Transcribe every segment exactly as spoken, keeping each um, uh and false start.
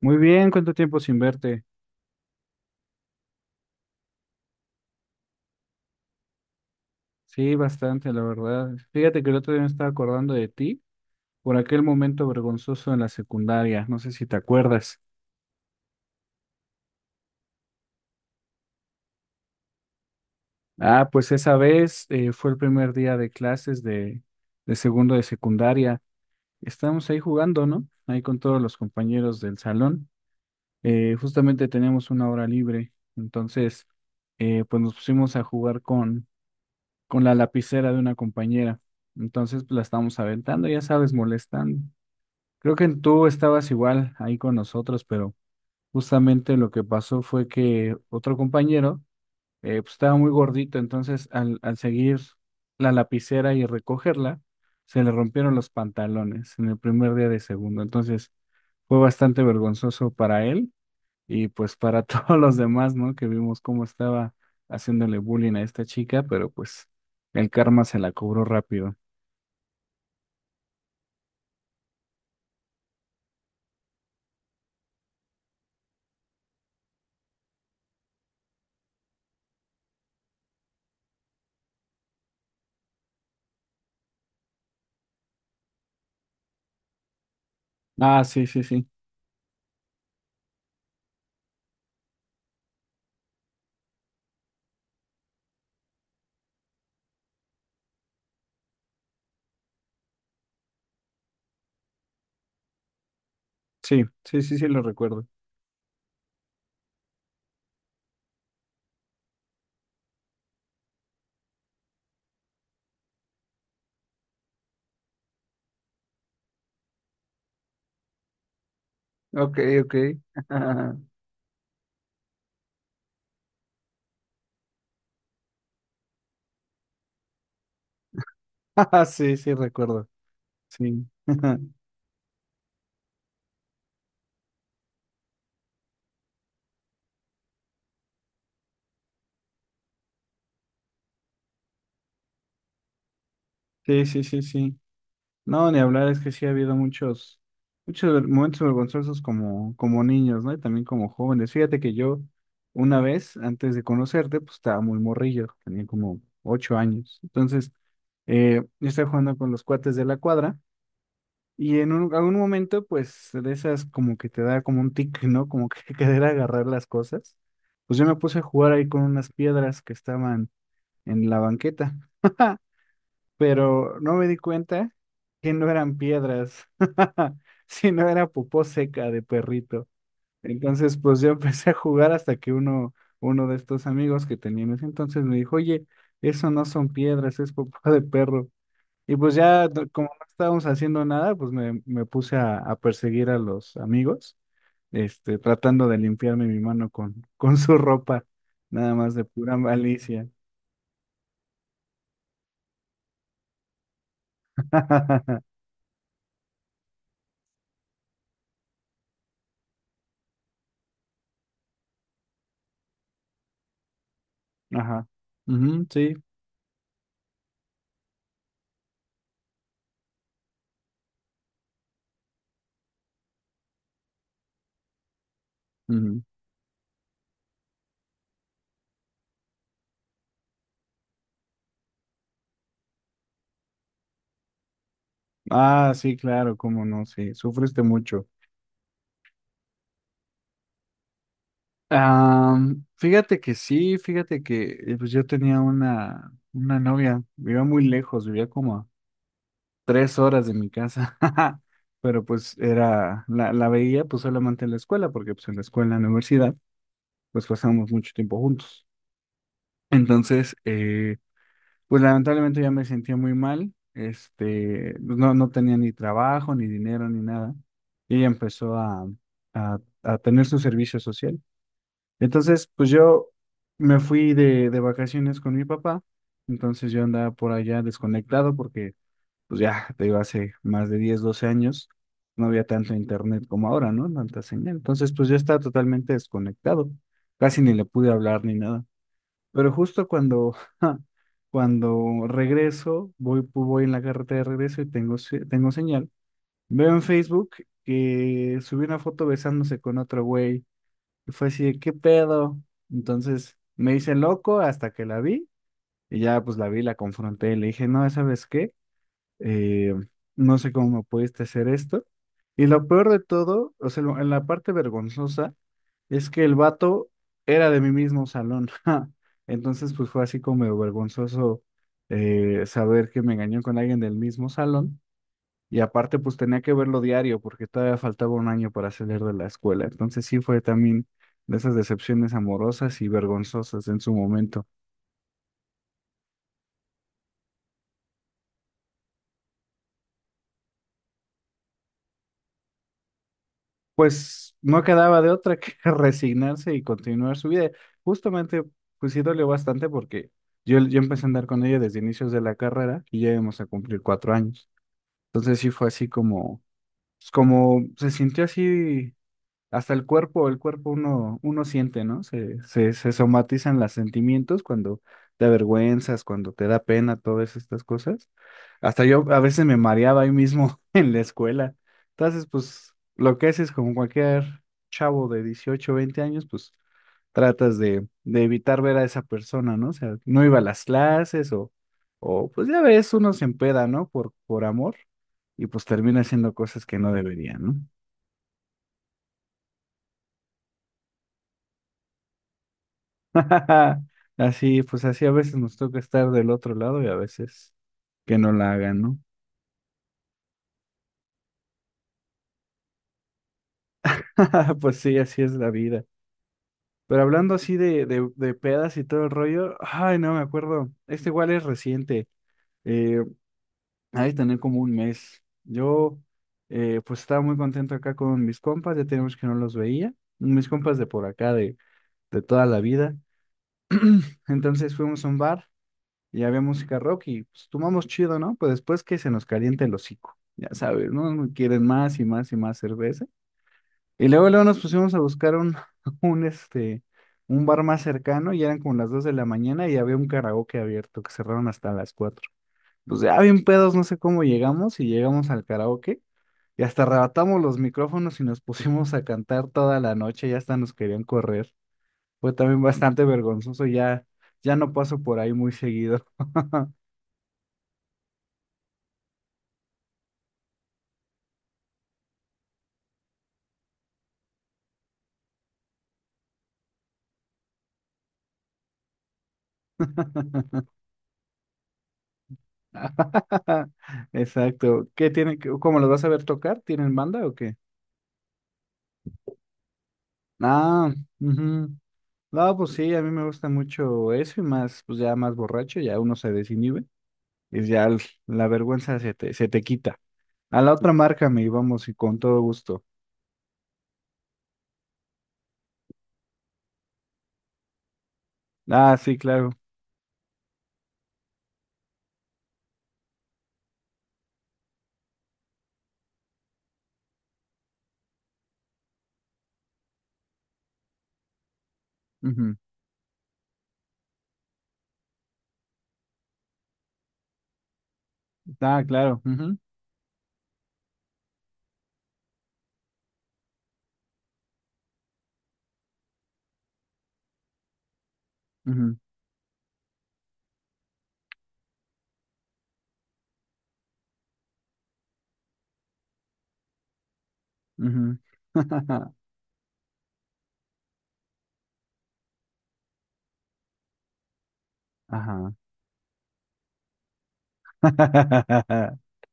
Muy bien, ¿cuánto tiempo sin verte? Sí, bastante, la verdad. Fíjate que el otro día me estaba acordando de ti por aquel momento vergonzoso en la secundaria, no sé si te acuerdas. Ah, pues esa vez eh, fue el primer día de clases de, de segundo de secundaria. Estábamos ahí jugando, ¿no? Ahí con todos los compañeros del salón. Eh, justamente teníamos una hora libre, entonces eh, pues nos pusimos a jugar con, con la lapicera de una compañera. Entonces pues, la estábamos aventando, ya sabes, molestando. Creo que tú estabas igual ahí con nosotros, pero justamente lo que pasó fue que otro compañero eh, pues estaba muy gordito, entonces al, al seguir la lapicera y recogerla, se le rompieron los pantalones en el primer día de segundo. Entonces fue bastante vergonzoso para él y pues para todos los demás, ¿no? Que vimos cómo estaba haciéndole bullying a esta chica, pero pues el karma se la cobró rápido. Ah, sí, sí, sí, sí, sí, sí, sí, lo recuerdo. Ok, ok. Ah, sí, sí, recuerdo. Sí. Sí, sí, sí, sí. No, ni hablar, es que sí ha habido muchos, muchos ver- momentos vergonzosos como, como niños, ¿no? Y también como jóvenes. Fíjate que yo, una vez, antes de conocerte, pues estaba muy morrillo, tenía como ocho años. Entonces, eh, yo estaba jugando con los cuates de la cuadra. Y en un- algún momento, pues, de esas como que te da como un tic, ¿no? Como que querer agarrar las cosas. Pues yo me puse a jugar ahí con unas piedras que estaban en la banqueta, pero no me di cuenta que no eran piedras, sino era popó seca de perrito. Entonces, pues yo empecé a jugar hasta que uno, uno de estos amigos que tenía en ese entonces me dijo, oye, eso no son piedras, es popó de perro. Y pues ya, no- como no estábamos haciendo nada, pues me, me puse a, a perseguir a los amigos, este, tratando de limpiarme mi mano con, con su ropa, nada más de pura malicia. Ajá. Ujú, sí. Ujú. Ah, sí, claro, cómo no, sí, sufriste mucho. Ah, fíjate que sí, fíjate que eh, pues yo tenía una, una novia, vivía muy lejos, vivía como a tres horas de mi casa, pero pues era, la, la veía pues solamente en la escuela, porque pues en la escuela, en la universidad, pues pasamos mucho tiempo juntos. Entonces, eh, pues lamentablemente ya me sentía muy mal, este, pues, no, no tenía ni trabajo, ni dinero, ni nada. Y ella empezó a, a, a tener su servicio social. Entonces, pues yo me fui de, de vacaciones con mi papá, entonces yo andaba por allá desconectado porque pues ya, te digo, hace más de diez doce años, no había tanto internet como ahora, ¿no? Tanta señal. Entonces, pues ya estaba totalmente desconectado. Casi ni le pude hablar ni nada. Pero justo cuando, ja, cuando regreso, voy, voy en la carretera de regreso y tengo, se- tengo señal. Veo en Facebook que subí una foto besándose con otro güey. Y fue así de, ¿qué pedo? Entonces me hice loco hasta que la vi. Y ya pues la vi, la confronté y le dije, no, ¿sabes qué? eh, no sé cómo me pudiste hacer esto. Y lo peor de todo, o sea, lo- en la parte vergonzosa, es que el vato era de mi mismo salón. Ja. Entonces, pues fue así como medio vergonzoso eh, saber que me engañó con alguien del mismo salón. Y aparte, pues tenía que verlo diario porque todavía faltaba un año para salir de la escuela. Entonces sí fue también de esas decepciones amorosas y vergonzosas en su momento. Pues no quedaba de otra que resignarse y continuar su vida. Justamente, pues sí dolió bastante porque yo, yo empecé a andar con ella desde inicios de la carrera y ya íbamos a cumplir cuatro años. Entonces sí fue así como, pues, como se sintió así hasta el cuerpo, el cuerpo uno, uno siente, ¿no? Se, se, se somatizan los sentimientos cuando te avergüenzas, cuando te da pena, todas estas cosas. Hasta yo a veces me mareaba ahí mismo en la escuela. Entonces, pues, lo que haces como cualquier chavo de dieciocho veinte años, pues, tratas de, de evitar ver a esa persona, ¿no? O sea, no iba a las clases o, o pues ya ves, uno se empeda, ¿no? Por, por amor y pues termina haciendo cosas que no debería, ¿no? Así, pues así a veces nos toca estar del otro lado y a veces que no la hagan, ¿no? Pues sí, así es la vida. Pero hablando así de, de, de pedas y todo el rollo, ay, no me acuerdo. Este igual es reciente. Eh, Ha tener como un mes. Yo, eh, pues estaba muy contento acá con mis compas, ya teníamos que no los veía. Mis compas de por acá, de, de toda la vida. Entonces fuimos a un bar y había música rock y pues tomamos chido, ¿no? Pues después que se nos caliente el hocico, ya sabes, ¿no? Quieren más y más y más cerveza. Y luego, luego nos pusimos a buscar un, un, este, un bar más cercano y eran como las dos de la mañana y había un karaoke abierto que cerraron hasta las cuatro. Pues ya bien pedos, no sé cómo llegamos y llegamos al karaoke y hasta arrebatamos los micrófonos y nos pusimos a cantar toda la noche y hasta nos querían correr. Fue también bastante vergonzoso, ya, ya no paso por ahí muy seguido. Exacto. ¿Qué tienen? que- ¿Cómo los vas a ver tocar? ¿Tienen banda o qué? Ah, ujú. No, pues sí, a mí me gusta mucho eso y más, pues ya más borracho, ya uno se desinhibe y ya el- la vergüenza se te, se te quita. A la otra márcame y vamos y con todo gusto. Ah, sí, claro. Ujú. Ah, claro. Ujú, ujú, ujú. Ajá.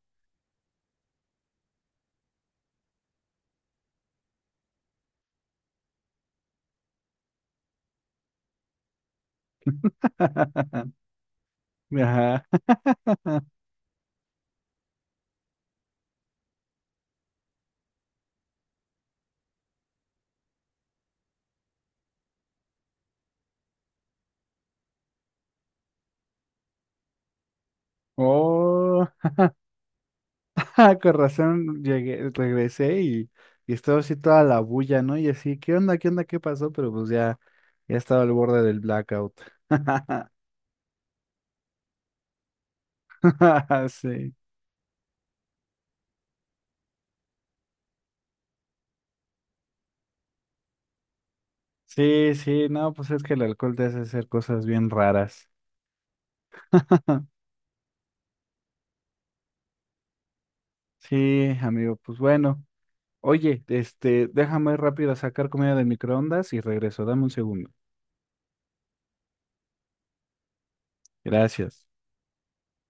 Ajá. Oh. Ah, con razón llegué, regresé y, y estaba así toda la bulla, ¿no? Y así, ¿qué onda? ¿Qué onda? ¿Qué pasó? Pero pues ya, ya estaba al borde del blackout. Sí. Sí, sí, no, pues es que el alcohol te hace hacer cosas bien raras. Sí, amigo, pues bueno. Oye, este, déjame rápido sacar comida del microondas y regreso. Dame un segundo. Gracias.